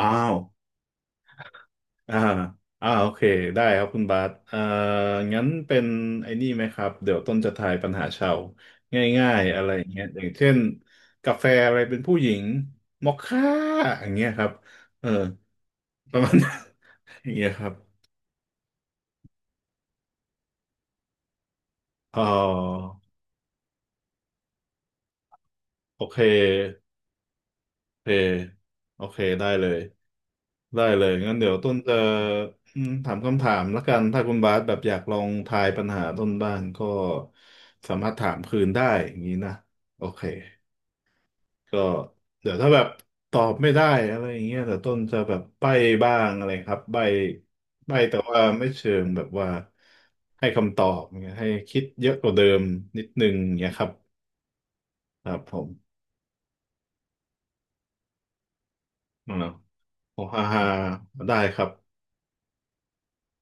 อ้าวอ่าโอเค ได้ครับคุณบาสงั้นเป็นไอ้นี่ไหมครับ เดี๋ยวต้นจะทายปัญหาชาวง่ายๆอะไรอย่างเงี้ยอย่างเช่นกาแฟอะไรเป็นผู้หญิงมอคค่าอย่างเงี้ยครับ เออ ประมาณนั้น อย่างเงี้ยครับอ๋อ โอเคโอเคโอเคได้เลย ได้เลยงั้นเดี๋ยวต้นจะถามคำถามละกันถ้าคุณบาสแบบอยากลองทายปัญหาต้นบ้างก็สามารถถามคืนได้อย่างนี้นะโอเคก็เดี๋ยวถ้าแบบตอบไม่ได้อะไรอย่างเงี้ยแต่ต้นจะแบบใบ้บ้างอะไรครับใบ้ใบ้แต่ว่าไม่เชิงแบบว่าให้คำตอบเงี้ยให้คิดเยอะกว่าเดิมนิดนึงงเงี้ยครับครับผมอ่าโอ้ฮ่าฮ่าได้ครับ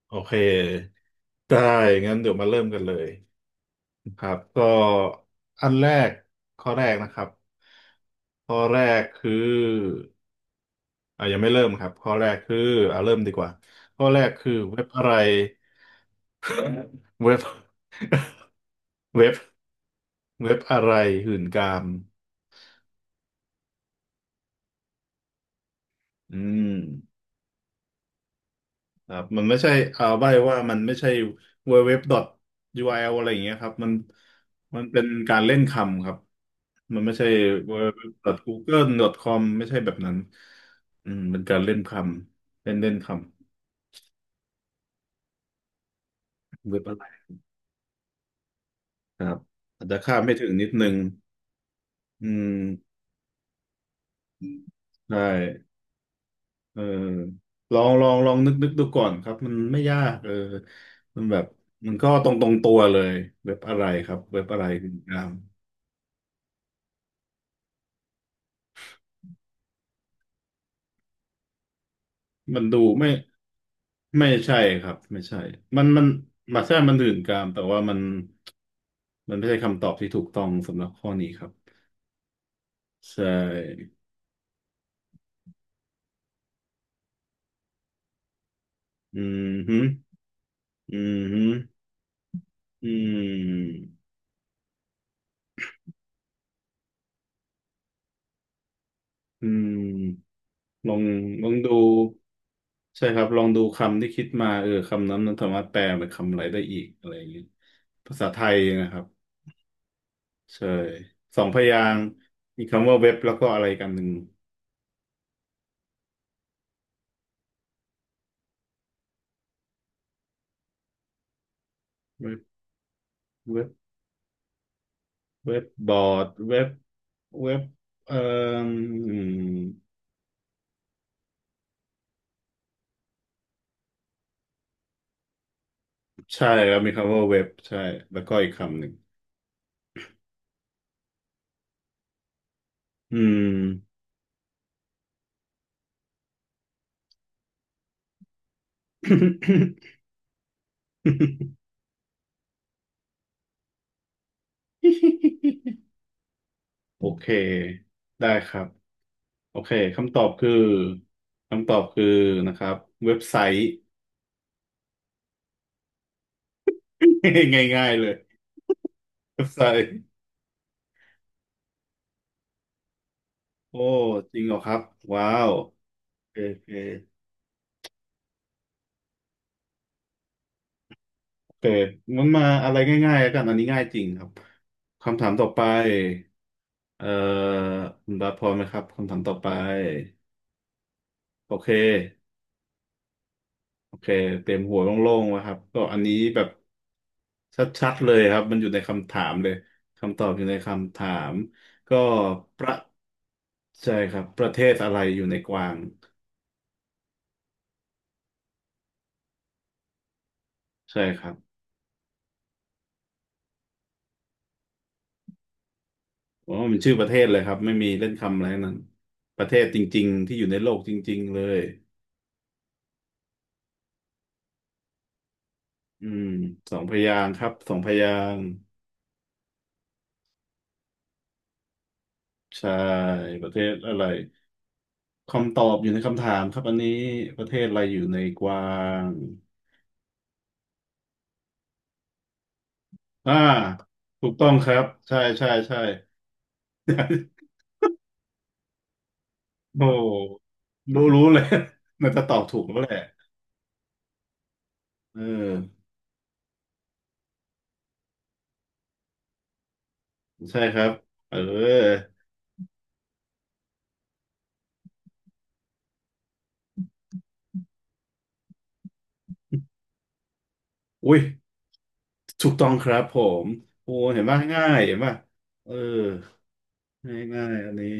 โอเคได้งั้นเดี๋ยวมาเริ่มกันเลย ครับก็อันแรกข้อแรกนะครับข้อแรกคืออ่ะยังไม่เริ่มครับข้อแรกคืออ่ะเริ่มดีกว่าข้อแรกคือเว็บอะไรเว็บเว็บเว็บอะไรหื่นกามอืม ครับมันไม่ใช่เอาใบว่ามันไม่ใช่ w w w ย r l อทยูอาร์แอลอะไรอย่างเงี้ยครับมันเป็นการเล่นคำครับมันไม่ใช่ดับเบิลยูดับเบิลยูดับเบิลยูดอทกูเ g o o g l e c o m ไม่ใช่แบบนั้นอืมเป็นการเล่นคำเล่นเล่นคำเว็บอะไรครับอาจจะคาดไม่ถึงนิดนึงอืมใช่เออลองนึกดูก่อนครับมันไม่ยากเออมันแบบมันก็ตรงตรงตัวเลยเว็บอะไรครับเว็บอะไรคุณกราม มันดูไม่ไม่ใช่ครับไม่ใช่มันมาแท้มันดื่นกามแต่ว่ามันมันไม่ใช่คำตอบที่ถูกต้องสำหรับข้อนี้ครับใช่อืมฮึอืมฮึอืมอืมลองลองดูใช่ครับลองดูคำที่คิดมาเออคำนั้นมันสามารถแปลเป็นคำอะไรได้อีกอะไรอย่างนี้ภาษาไทยนะครับใช่สองพยางค์มีคำว่าเว็บแล้วก็อะไรกันหนึ่งเว็บ เว็บบอร์ดเว็บเว็บเอ่ออืมใช่ครับมีคำว่าเว็บใช่แล้วก็อีกคำหนึ่งอืม โอเคได้ครับโอเคคำตอบคือคำตอบคือนะครับเว็บไซต์ ง่ายๆเลยเว็บไซต์โอ้จริงเหรอครับว้าวโอเคโอเคโอเคมันมาอะไรง่ายๆแล้วกันอันนี้ง่ายจริงครับคำถามต่อไป เอ่อคุณบาสพร้อมไหมครับคำถามต่อไปโอเคโอเคเต็มหัวโล่งๆไวครับก็อันนี้แบบชัดๆเลยครับมันอยู่ในคำถามเลยคำตอบอยู่ในคำถามก็ประใช่ครับประเทศอะไรอยู่ในกวางใช่ครับอ๋อมันชื่อประเทศเลยครับไม่มีเล่นคำอะไรทั้งนั้นประเทศจริงๆที่อยู่ในโลกจริงๆเลยอืมสองพยางค์ครับสองพยางค์ใช่ประเทศอะไร คำตอบอยู่ในคำถามครับอันนี้ประเทศอะไรอยู่ในกวางอ่าถูกต้องครับใช่ใช่ใช่ โอ้รู้รู้เลย มันจะตอบถูกแล้วแหละเออใช่ครับเอออุ้ยถูกต้องครับผมโอ้เห็นป่ะง่ายเห็นป่ะเออง่ายง่ายอันนี้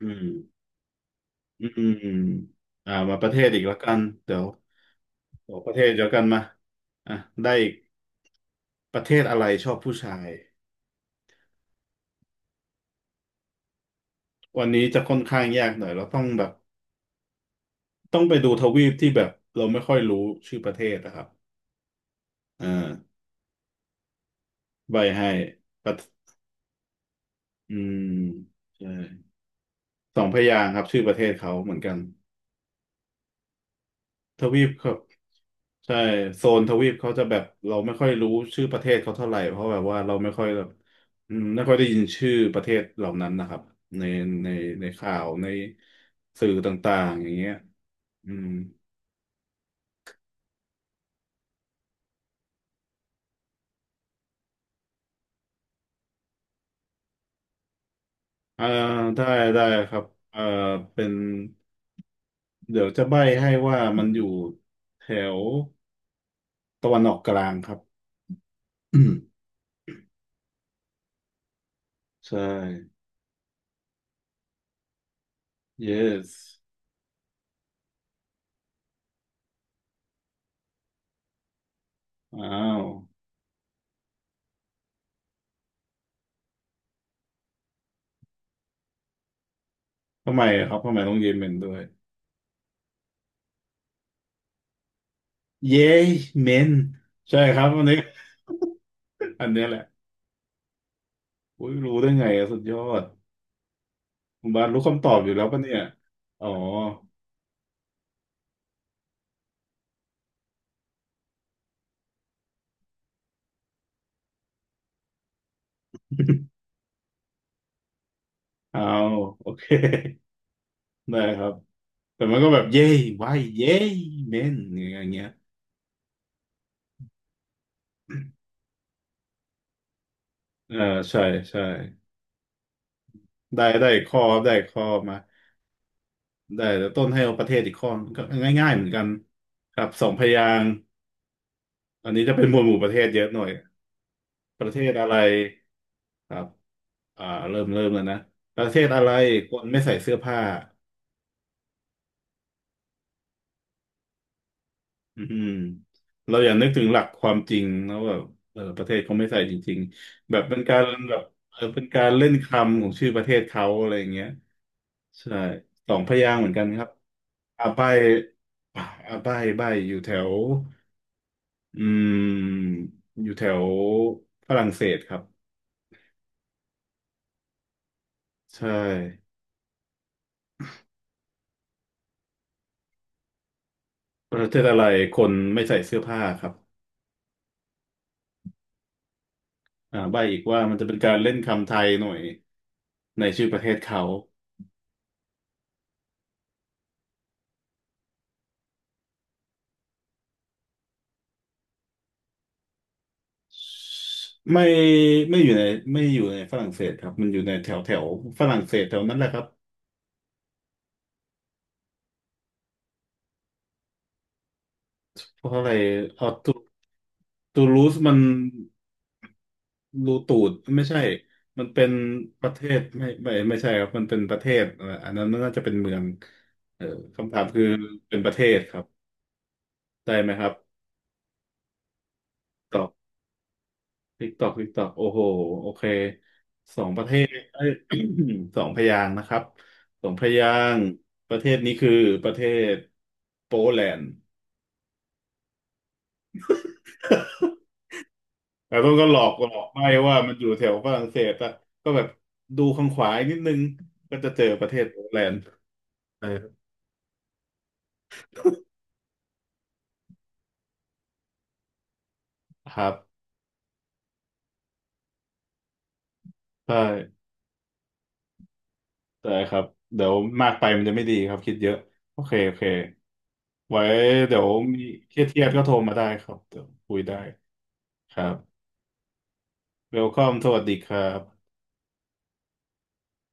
อืมอืมอ่ามาประเทศอีกแล้วกันเดี๋ยวเอกประเทศเดียวกันมาอ่ะได้อีกประเทศอะไรชอบผู้ชาย วันนี้จะค่อนข้างยากหน่อยเราต้องแบบต้องไปดูทวีปที่แบบเราไม่ค่อยรู้ชื่อประเทศนะครับอ่าใบให้ประอืมใช่สองพยางค์ครับชื่อประเทศเขาเหมือนกันทวีปครับใช่โซนทวีปเขาจะแบบเราไม่ค่อยรู้ชื่อประเทศเขาเท่าไหร่เพราะแบบว่าเราไม่ค่อยแบบอืมไม่ค่อยได้ยินชื่อประเทศเหล่านั้นนะครับในในในข่าวในสื่อต่างๆอย่างเงี้ยอืมอ่าได้ได้ครับเอ่อเป็น เดี๋ยวจะใบ้ให้ว่ามันอยู่แถวตะวันออกกลางครับ อืมใช่ yes อ้าวทำไมอะครับทำไมต้องเยเมนด้วยเยเมนใช่ครับวันนี้ อันเนี้ยแหละอุ้ยรู้ได้ไงอะสุดยอดคุณบาสรู้คำตอบอยู่แล้วปะเนี่ยอ๋อเอาโอเค ได้ครับแต่มันก็แบบเย้ไว้เย้เมนอย่างเงี้ยเออใช่ใช่ได้ได้ข้อครับได้ข้อมา ได้เดี๋ยวต้นให้เอาประเทศอีกข้อก็ง่ายๆเหมือนกันครับสองพยางค์อันนี้จะเป็นหมวดหมู่ประเทศเยอะหน่อยประเทศอะไรครับอ่าเริ่มเริ่มแล้วนะประเทศอะไรคนไม่ใส่เสื้อผ้าอืมเราอย่านึกถึงหลักความจริงนะว่าแบบเออประเทศเขาไม่ใส่จริงๆแบบเป็นการแบบเออเป็นการเล่นคำของชื่อประเทศเขาอะไรอย่างเงี้ยใช่สองพยางค์เหมือนกันครับอาใบอ่าใบใบอยู่แถว อืมอยู่แถวฝรั่งเศสครับใช่ประเทศอะไรคนไม่ใส่เสื้อผ้าครับอ่าใบ้อีกว่ามันจะเป็นการเล่นคำไทยหน่อยในชื่อประเทศเขาไม่ไม่อยู่ในไม่อยู่ในฝรั่งเศสครับมันอยู่ในแถวแถวฝรั่งเศสแถวนั้นแหละครับเพราะอะไรเอาตูลูสมัน รูตูดไม่ใช่มันเป็นประเทศไม่ไม่ไม่ใช่ครับ มันเป็นประเทศอันนั้นน่าจะเป็นเมืองเออคำถามคือเป็นประเทศครับได้ไหมครับตอบติ๊กตอกติ๊กตอกโอ้โหโอเคสองประเทศเอ้ย สองพยางค์นะครับสองพยางค์ประเทศนี้คือประเทศโปแลนด์แต่ต้นก็หลอกหลอกไม่ว่ามันอยู่แถวฝรั่งเศสอะก็แบบดูข้างขวาอีกนิดนึงก็จะเจอประเทศโปแลนด์ใช่ครับใช่ ได้ครับเดี๋ยวมากไปมันจะไม่ดีครับคิดเยอะโอเคโอเคไว้เดี๋ยวมีเครียดๆก็โทรมาได้ครับเดี๋ยวคุยได้ครับเวลคอมสวัสดีครับ